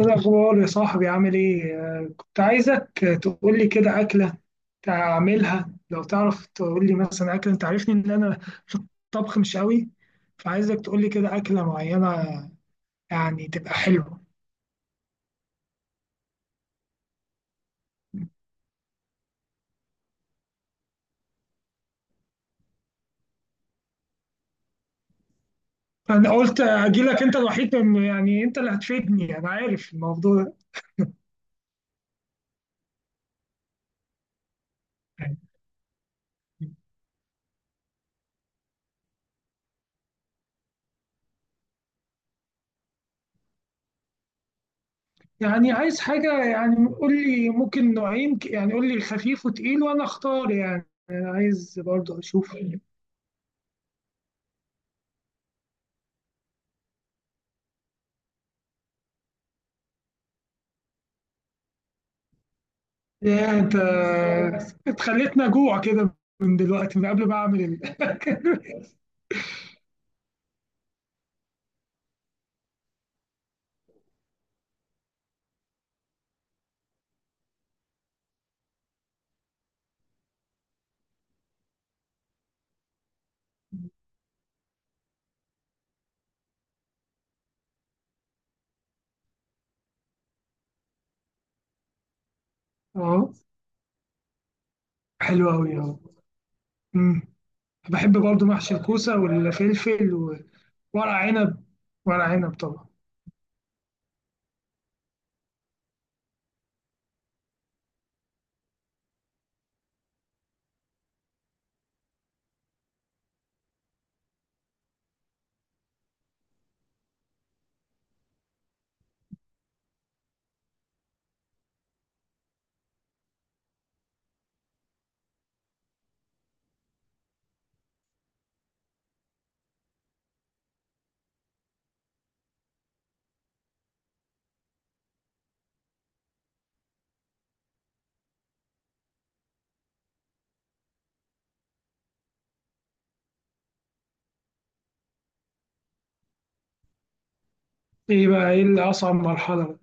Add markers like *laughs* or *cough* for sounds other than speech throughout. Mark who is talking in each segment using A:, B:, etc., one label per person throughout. A: ايه الاخبار يا صاحبي؟ عامل ايه؟ كنت عايزك تقول لي كده اكله تعملها لو تعرف. تقول لي مثلا اكله. انت عارفني ان انا في الطبخ مش قوي، فعايزك تقول لي كده اكله معينه يعني تبقى حلوه. انا قلت اجي لك. انت الوحيد يعني انت اللي هتفيدني. انا عارف الموضوع ده. يعني عايز حاجه، يعني قول لي ممكن نوعين، يعني قول لي خفيف وتقيل وانا اختار. يعني انا عايز برضه اشوف. ياه! أنت خلّيتني أجوع كده من دلوقتي، من قبل ما أعمل الأكل. آه. *laughs* حلو أوي. آه، إمم، باحب برضه محشي الكوسة والفلفل وورق عنب، ورق عنب طبعًا. إيه بقى؟ إيه اللي أصعب مرحلة بقى؟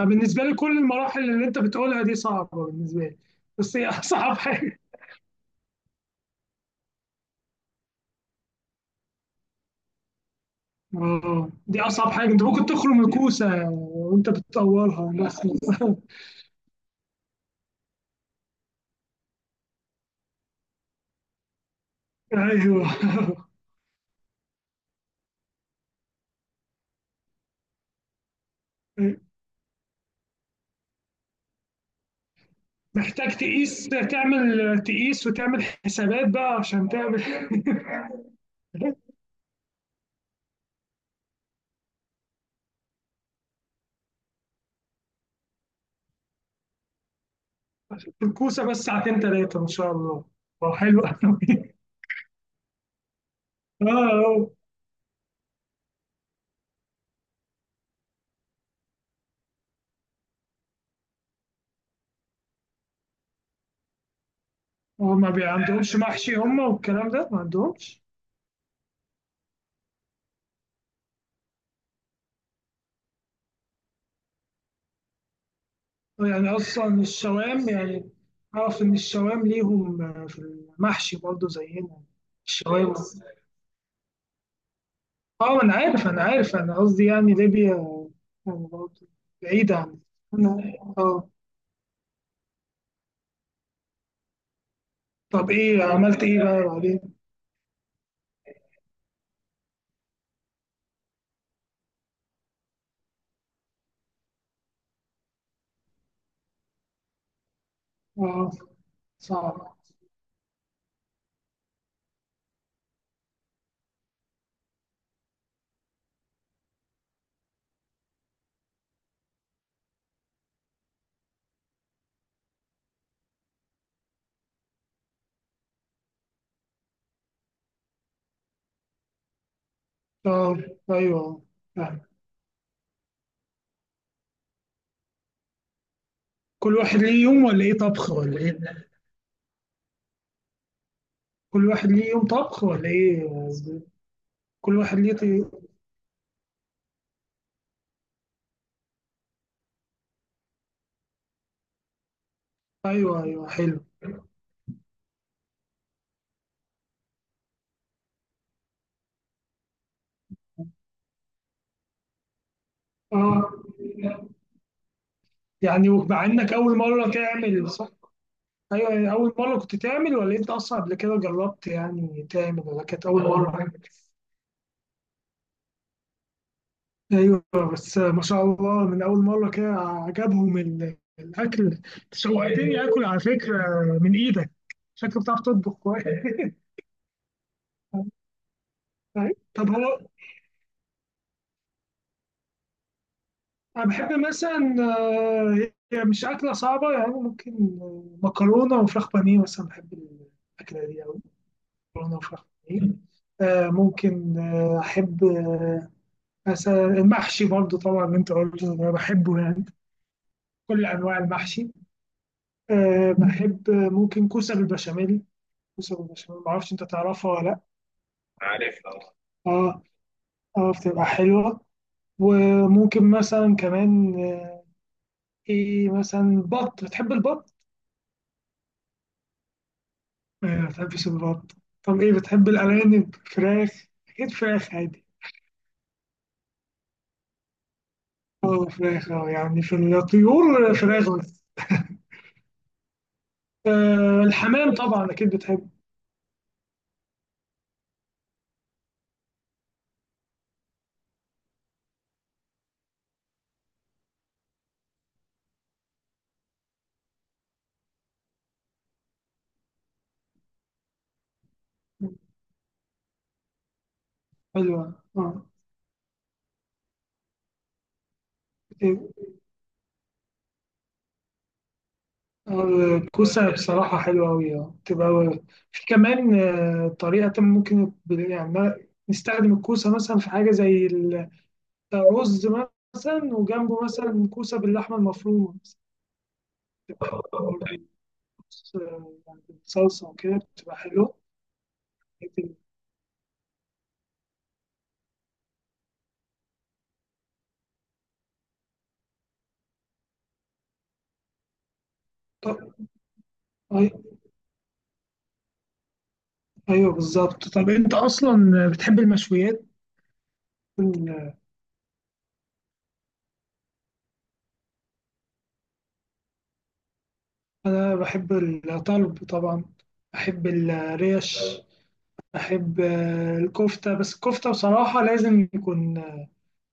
A: أنا بالنسبة لي كل المراحل اللي أنت بتقولها دي صعبة بالنسبة لي، بس هي *laughs* أصعب حاجة. دي أصعب حاجة. أنت ممكن تخرم الكوسة وأنت بتطورها مثلًا. *laughs* أيوه. *laughs* محتاج تقيس تعمل تقيس وتعمل حسابات بقى عشان تعمل. *laughs* عشان الكوسه بس؟ ساعتين ثلاثه ان شاء الله. هو حلو قوي. *laughs* اه. هو ما عندهمش محشي هم، والكلام ده ما عندهمش. يعني اصلا الشوام يعني اعرف ان الشوام ليهم في المحشي برضه زينا. الشوام. اه، ما انا عارف انا قصدي يعني ليبيا يعني برضه بعيدة عن. أنا اه. طب ايه عملت ايه بقى بعدين؟ اه. صعب. اه. ايوه يعني. كل واحد ليه يوم ولا ايه طبخ ولا ايه؟ كل واحد ليه يوم طبخ ولا ايه قصدي؟ كل واحد ليه. ايوه، ايوه، حلو. اه يعني مع انك اول مره تعمل صح؟ ايوه يعني اول مره كنت تعمل، ولا انت اصلا قبل كده جربت يعني تعمل، ولا كانت اول مره؟ ايوه، بس ما شاء الله من اول مره كده عجبهم الاكل. شوقتني اكل على فكره من ايدك. شكلك بتعرف تطبخ كويس. *laughs* طب هو أنا بحب مثلا، هي مش أكلة صعبة يعني، ممكن مكرونة وفراخ بانيه مثلا. بحب الأكلة دي أوي، مكرونة وفراخ بانيه. ممكن، أحب، مثلا المحشي برضو طبعا اللي أنت قلته أنا بحبه يعني. كل أنواع المحشي. بحب، ممكن كوسة بالبشاميل. كوسة بالبشاميل، معرفش أنت تعرفها ولا لأ. أه، أه، بتبقى حلوة. وممكن مثلا كمان. إيه مثلا؟ بط؟ بتحب البط؟ ما بتحبش البط. طب إيه بتحب؟ الأرانب؟ فراخ؟ أكيد فراخ عادي. أه فراخ، يعني في الطيور فراخ بس. آه، الحمام طبعا أكيد بتحب. حلوة، أه. إيه؟ الكوسة بصراحة حلوة أوي، أه تبقى. في كمان طريقة، ممكن يعني نستخدم الكوسة مثلا في حاجة زي الرز مثلا، وجنبه مثلا كوسة باللحمة المفرومة مثلاً. بتبقى برضه، يعني بالصلصة وكده بتبقى حلوة. طب أي- ايوه بالظبط. طب انت اصلا بتحب المشويات ال- انا بحب الطلب طبعا، بحب الريش، بحب الكفته. بس الكفته بصراحه لازم يكون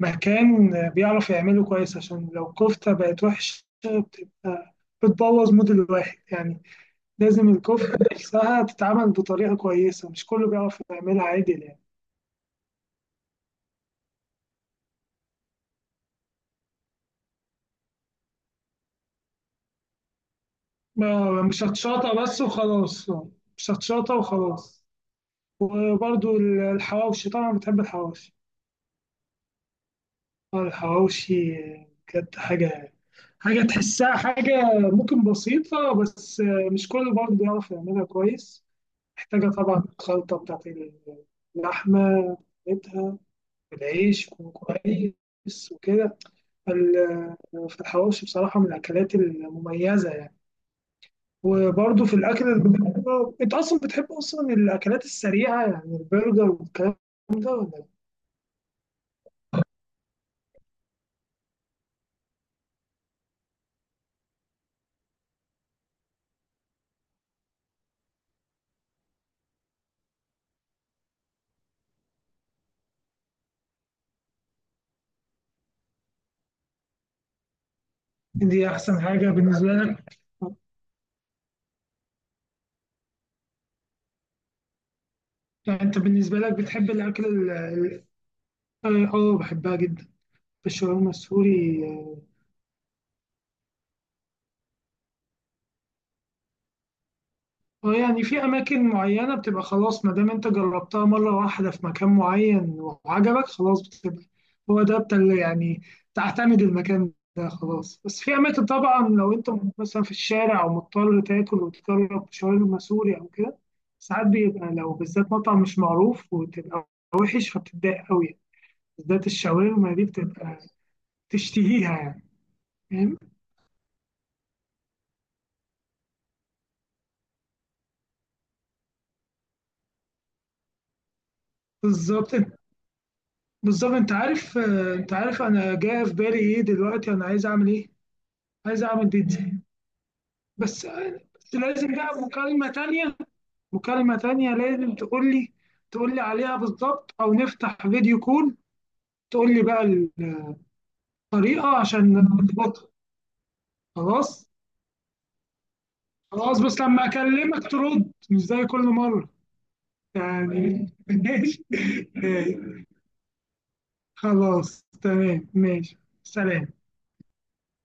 A: مكان بيعرف يعمله كويس، عشان لو الكفته بقت وحشه بتبقى بتبوظ مود الواحد يعني. لازم الكفته نفسها تتعمل بطريقه كويسه، مش كله بيعرف يعملها عادل يعني. مش هتشاطه بس وخلاص. مش هتشاطه وخلاص. وبرضو الحواوشي، طبعا بتحب الحواوشي. الحواوشي بجد حاجة، حاجة تحسها، حاجة ممكن بسيطة، بس مش كل برضه بيعرف يعملها كويس. محتاجة طبعا الخلطة بتاعت اللحمة بتاعتها، والعيش يكون كويس وكده. فال- فالحواوشي بصراحة من الأكلات المميزة يعني. وبرضه في الأكل. أنت أصلا بتحب أصلا الأكلات السريعة يعني، البرجر والكلام ده، ولا إيه؟ دي أحسن حاجة بالنسبة لك؟ يعني انت بالنسبة لك بتحب الأكل. اه، بحبها جدا، الشاورما السوري، اه. يعني في أماكن معينة بتبقى خلاص، ما دام انت جربتها مرة واحدة في مكان معين وعجبك خلاص بتبقى هو ده بتاع، اللي يعني تعتمد المكان ده خلاص. بس في أماكن طبعا، لو انت مثلا في الشارع أو مضطر تاكل وتجرب شاورما سوري أو كده، ساعات بيبقى لو بالذات مطعم مش معروف وتبقى وحش فبتتضايق قوي، بالذات الشاورما دي بتبقى تشتهيها يعني. بالظبط. بالظبط انت عارف انا جاي في بالي ايه دلوقتي؟ انا عايز اعمل ايه؟ عايز اعمل بيتزا. بس. بس لازم بقى مكالمة تانية. مكالمة تانية لازم تقول لي عليها بالظبط، او نفتح فيديو كول تقول لي بقى الطريقة عشان نظبطها. خلاص. خلاص بس لما اكلمك ترد مش زي كل مرة يعني. *laughs* ماشي. ماشي، خلاص تمام ماشي. سلام.